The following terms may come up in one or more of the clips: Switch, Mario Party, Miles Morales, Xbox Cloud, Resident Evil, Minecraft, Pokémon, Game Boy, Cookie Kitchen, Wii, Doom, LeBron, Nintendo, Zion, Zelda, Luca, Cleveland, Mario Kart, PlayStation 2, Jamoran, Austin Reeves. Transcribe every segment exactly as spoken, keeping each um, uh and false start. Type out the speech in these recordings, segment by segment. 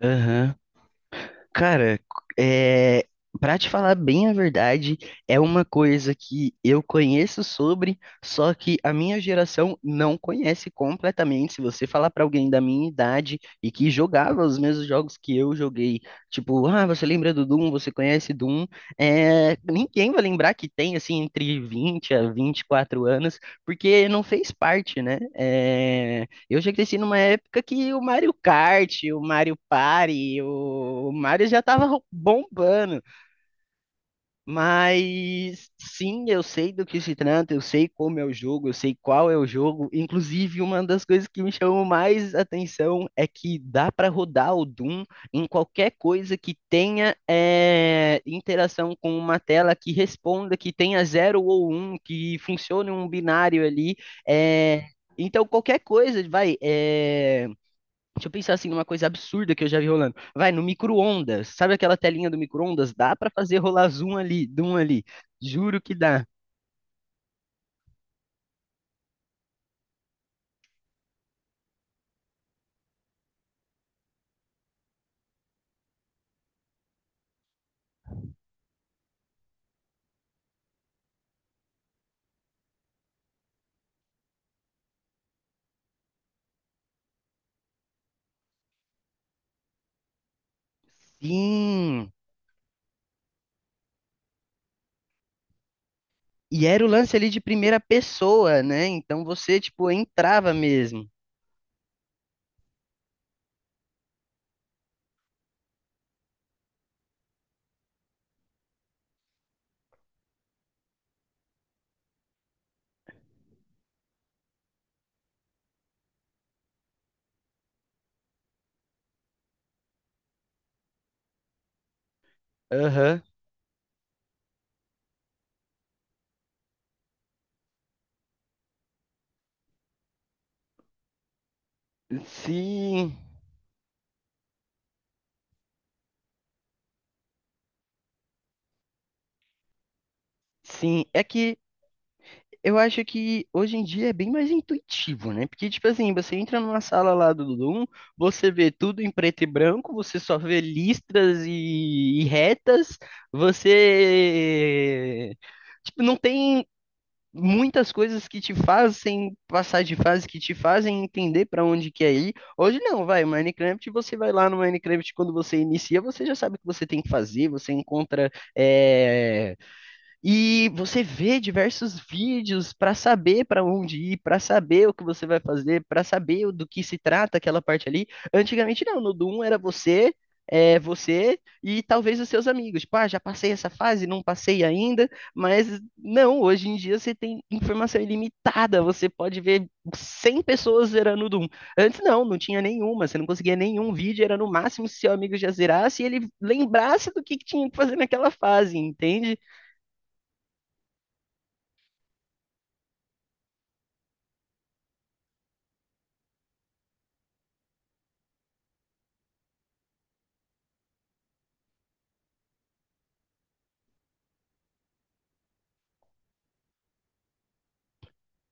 Aham. Cara, é, pra te falar bem a verdade, é uma coisa que eu conheço sobre, só que a minha geração não conhece completamente. Se você falar pra alguém da minha idade e que jogava os mesmos jogos que eu joguei, tipo, ah, você lembra do Doom? Você conhece Doom? É, ninguém vai lembrar que tem, assim, entre vinte a vinte e quatro anos, porque não fez parte, né? É, eu já cresci numa época que o Mario Kart, o Mario Party, o o Mario já tava ro- bombando. Mas sim, eu sei do que se trata, eu sei como é o jogo, eu sei qual é o jogo. Inclusive, uma das coisas que me chamou mais atenção é que dá pra rodar o Doom em qualquer coisa que tenha eh, interação com uma tela que responda, que tenha zero ou um, que funcione um binário ali. eh, então, qualquer coisa, vai. eh, Deixa eu pensar assim numa coisa absurda que eu já vi rolando. Vai, no micro-ondas. Sabe aquela telinha do micro-ondas? Dá pra fazer rolar zoom ali, zoom ali. Juro que dá. Sim. E era o lance ali de primeira pessoa, né? Então você, tipo, entrava mesmo. Aham. Sim. Sim. É que eu acho que hoje em dia é bem mais intuitivo, né? Porque, tipo assim, você entra numa sala lá do Doom, você vê tudo em preto e branco, você só vê listras e, e retas, você. Tipo, não tem muitas coisas que te fazem passar de fase, que te fazem entender pra onde quer ir. Hoje não, vai. Minecraft, você vai lá no Minecraft, quando você inicia, você já sabe o que você tem que fazer, você encontra. Eh, e você vê diversos vídeos para saber para onde ir, para saber o que você vai fazer, para saber do que se trata aquela parte ali. Antigamente não, no Doom era você, é, você e talvez os seus amigos. Tipo, ah, já passei essa fase, não passei ainda, mas não, hoje em dia você tem informação ilimitada, você pode ver cem pessoas zerando o Doom. Antes não, não tinha nenhuma, você não conseguia nenhum vídeo, era no máximo se seu amigo já zerasse e ele lembrasse do que que tinha que fazer naquela fase, entende?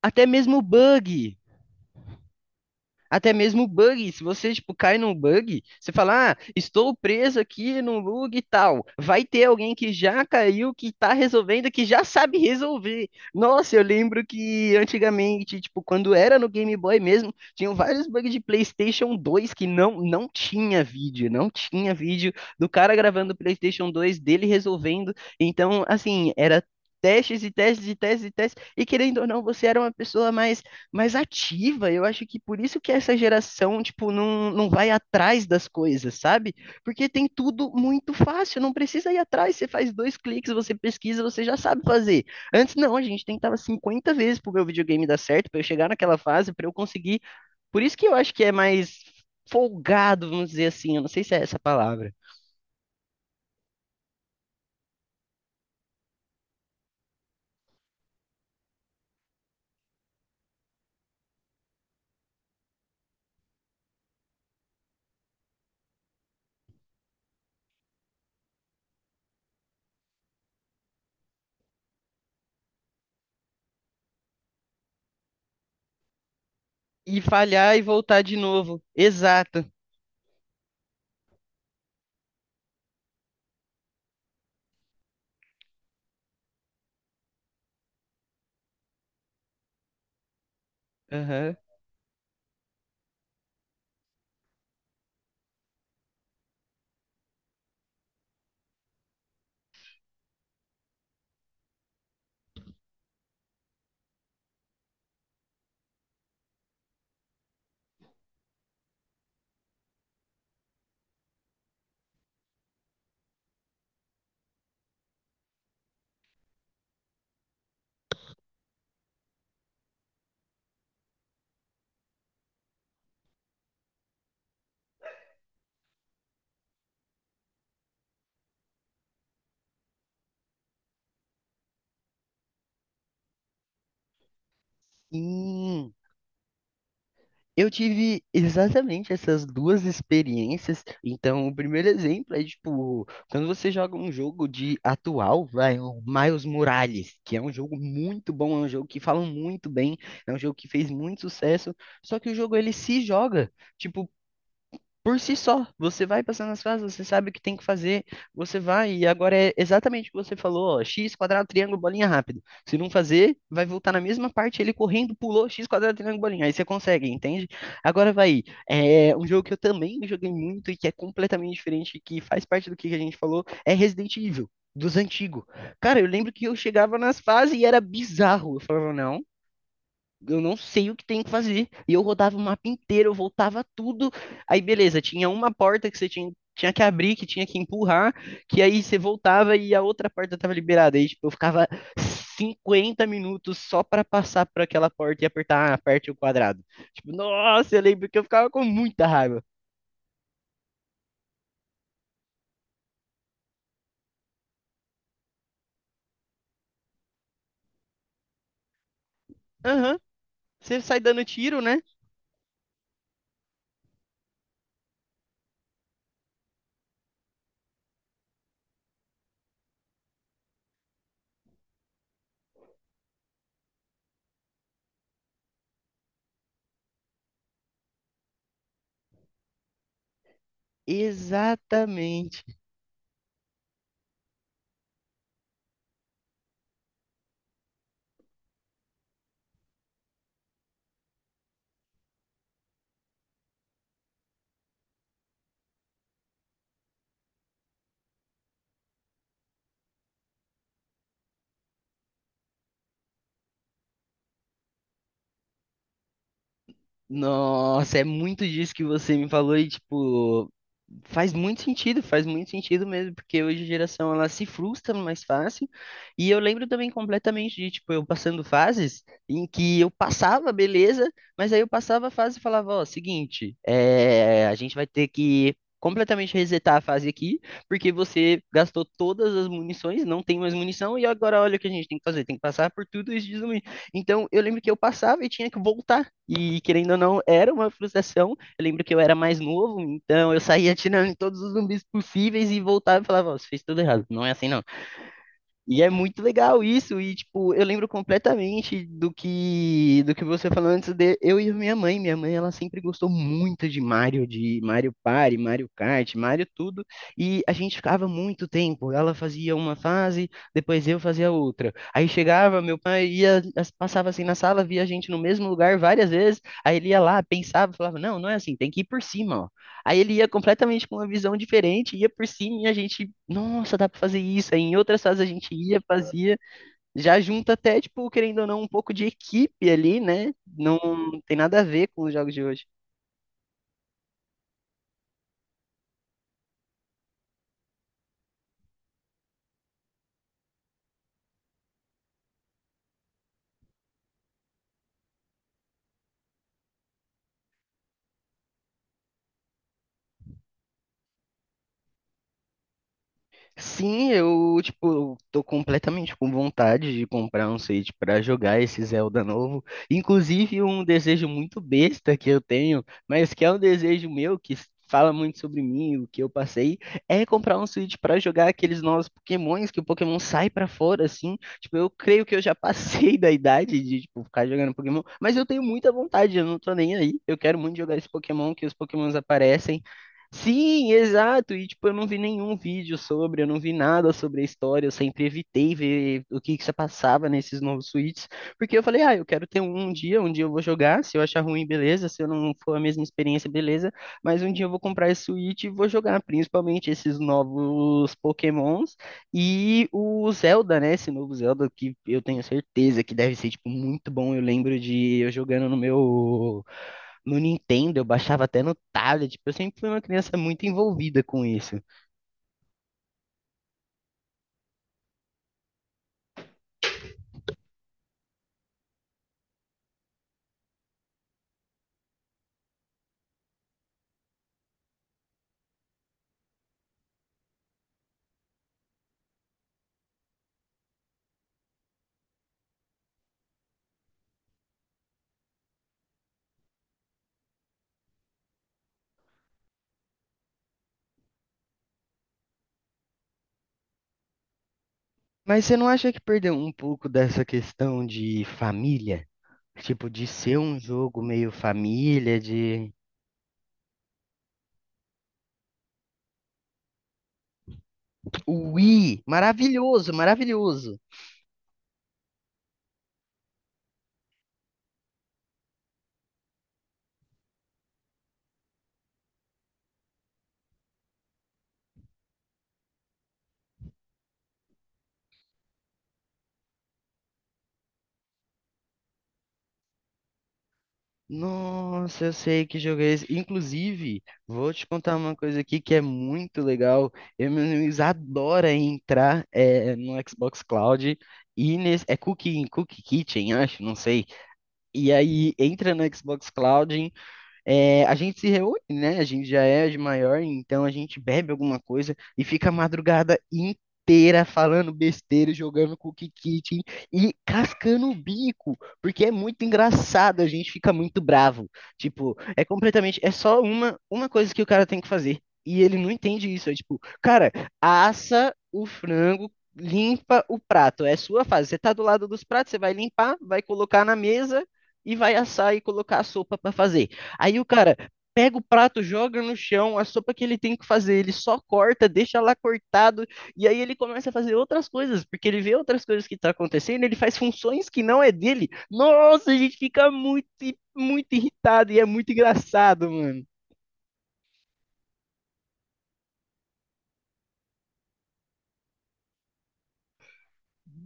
Até mesmo bug. Até mesmo bug. Se você, tipo, cai num bug, você fala, ah, estou preso aqui num bug e tal. Vai ter alguém que já caiu, que tá resolvendo, que já sabe resolver. Nossa, eu lembro que antigamente, tipo, quando era no Game Boy mesmo, tinham vários bugs de PlayStation dois que não, não tinha vídeo. Não tinha vídeo do cara gravando o PlayStation dois, dele resolvendo. Então, assim, era testes e testes e testes e testes. E querendo ou não, você era uma pessoa mais mais ativa. Eu acho que por isso que essa geração, tipo, não, não vai atrás das coisas, sabe? Porque tem tudo muito fácil, não precisa ir atrás. Você faz dois cliques, você pesquisa, você já sabe fazer. Antes, não, a gente tentava cinquenta vezes pro meu videogame dar certo, para eu chegar naquela fase, para eu conseguir. Por isso que eu acho que é mais folgado, vamos dizer assim, eu não sei se é essa a palavra. E falhar e voltar de novo. Exato. Aham. Sim. Eu tive exatamente essas duas experiências. Então, o primeiro exemplo é tipo, quando você joga um jogo de atual, vai, o Miles Morales, que é um jogo muito bom, é um jogo que falam muito bem, é um jogo que fez muito sucesso, só que o jogo ele se joga. Tipo, por si só. Você vai passando as fases, você sabe o que tem que fazer, você vai, e agora é exatamente o que você falou, ó, x quadrado, triângulo, bolinha rápido. Se não fazer, vai voltar na mesma parte, ele correndo, pulou, x quadrado, triângulo, bolinha. Aí você consegue, entende? Agora vai, é um jogo que eu também joguei muito e que é completamente diferente, que faz parte do que a gente falou, é Resident Evil. Dos antigos. Cara, eu lembro que eu chegava nas fases e era bizarro. Eu falava, não, eu não sei o que tem que fazer. E eu rodava o mapa inteiro, eu voltava tudo. Aí, beleza, tinha uma porta que você tinha, tinha que abrir, que tinha que empurrar, que aí você voltava e a outra porta tava liberada. Aí, tipo, eu ficava cinquenta minutos só pra passar por aquela porta e apertar, ah, aperte o quadrado. Tipo, nossa, eu lembro que eu ficava com muita raiva. Aham, você sai dando tiro, né? Exatamente. Nossa, é muito disso que você me falou e, tipo, faz muito sentido, faz muito sentido mesmo, porque hoje a geração ela se frustra mais fácil. E eu lembro também completamente de, tipo, eu passando fases em que eu passava, beleza, mas aí eu passava a fase e falava, ó, seguinte, é, a gente vai ter que completamente resetar a fase aqui, porque você gastou todas as munições, não tem mais munição, e agora olha o que a gente tem que fazer, tem que passar por tudo isso de zumbi. Então eu lembro que eu passava e tinha que voltar. E querendo ou não, era uma frustração. Eu lembro que eu era mais novo, então eu saía atirando em todos os zumbis possíveis e voltava e falava, ó, você fez tudo errado. Não é assim, não. E é muito legal isso, e tipo, eu lembro completamente do que do que você falou antes de eu e minha mãe. Minha mãe, ela sempre gostou muito de Mario, de Mario Party, Mario Kart, Mario tudo, e a gente ficava muito tempo. Ela fazia uma fase, depois eu fazia outra. Aí chegava, meu pai ia, as- passava assim na sala, via a gente no mesmo lugar várias vezes, aí ele ia lá, pensava, falava: "Não, não é assim, tem que ir por cima, ó. Aí ele ia completamente com uma visão diferente, ia por cima e a gente, nossa, dá pra fazer isso. Aí em outras fases a gente ia, fazia, já junta até, tipo, querendo ou não, um pouco de equipe ali, né? Não tem nada a ver com os jogos de hoje. Sim, eu, tipo, tô completamente com vontade de comprar um Switch pra jogar esse Zelda novo. Inclusive, um desejo muito besta que eu tenho, mas que é um desejo meu, que s- fala muito sobre mim, o que eu passei, é comprar um Switch pra jogar aqueles novos Pokémons, que o Pokémon sai pra fora, assim. Tipo, eu creio que eu já passei da idade de, tipo, ficar jogando Pokémon, mas eu tenho muita vontade, eu não tô nem aí. Eu quero muito jogar esse Pokémon, que os Pokémons aparecem. Sim, exato. E tipo, eu não vi nenhum vídeo sobre, eu não vi nada sobre a história, eu sempre evitei ver o que que se passava nesses novos suítes, porque eu falei, ah, eu quero ter um, um dia, um dia eu vou jogar, se eu achar ruim, beleza, se eu não for a mesma experiência, beleza, mas um dia eu vou comprar esse suíte e vou jogar, principalmente esses novos Pokémons e o Zelda, né? Esse novo Zelda que eu tenho certeza que deve ser tipo muito bom. Eu lembro de eu jogando no meu no Nintendo, eu baixava até no tablet. Eu sempre fui uma criança muito envolvida com isso. Mas você não acha que perdeu um pouco dessa questão de família? Tipo, de ser um jogo meio família, de. O Wii! Maravilhoso, maravilhoso! Nossa, eu sei que jogo é esse. Inclusive, vou te contar uma coisa aqui que é muito legal. Eu, meus amigos adoram entrar eh, no Xbox Cloud e nesse. É Cooking, Cookie Kitchen, acho, não sei. E aí entra no Xbox Cloud, é, a gente se reúne, né? A gente já é de maior, então a gente bebe alguma coisa e fica a madrugada inteira falando besteira, jogando cookie kit e cascando o bico, porque é muito engraçado, a gente fica muito bravo. Tipo, é completamente, é só uma, uma coisa que o cara tem que fazer. E ele não entende isso. É tipo, cara, assa o frango, limpa o prato. É sua fase. Você tá do lado dos pratos, você vai limpar, vai colocar na mesa e vai assar e colocar a sopa pra fazer. Aí o cara pega o prato, joga no chão, a sopa que ele tem que fazer, ele só corta, deixa lá cortado, e aí ele começa a fazer outras coisas, porque ele vê outras coisas que tá acontecendo, ele faz funções que não é dele. Nossa, a gente fica muito, muito irritado e é muito engraçado, mano.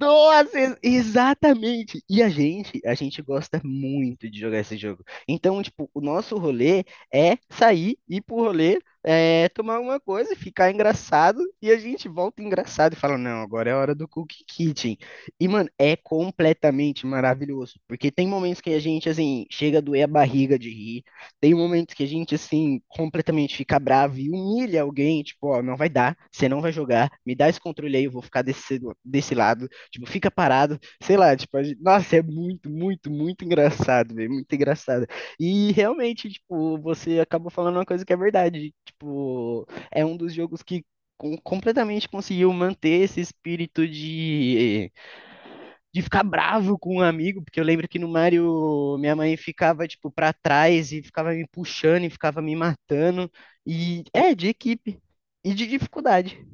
Nossa, ex- exatamente. E a gente, a gente gosta muito de jogar esse jogo. Então, tipo, o nosso rolê é sair, ir pro rolê, é, tomar alguma coisa, ficar engraçado, e a gente volta engraçado e fala, não, agora é a hora do Cookie Kitchen. E, mano, é completamente maravilhoso, porque tem momentos que a gente, assim, chega a doer a barriga de rir, tem momentos que a gente, assim, completamente fica bravo e humilha alguém, tipo, ó, não vai dar, você não vai jogar, me dá esse controle aí, eu vou ficar desse, desse lado. Tipo, fica parado, sei lá, tipo, a gente- nossa, é muito, muito, muito engraçado, velho, muito engraçado. E realmente, tipo, você acabou falando uma coisa que é verdade, tipo, é um dos jogos que com- completamente conseguiu manter esse espírito de de ficar bravo com um amigo, porque eu lembro que no Mario minha mãe ficava tipo pra trás e ficava me puxando e ficava me matando e é de equipe e de dificuldade.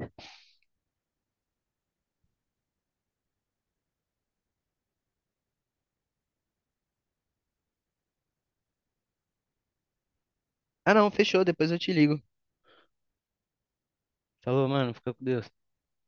Ah, não, fechou, depois eu te ligo. Falou, mano, fica com Deus.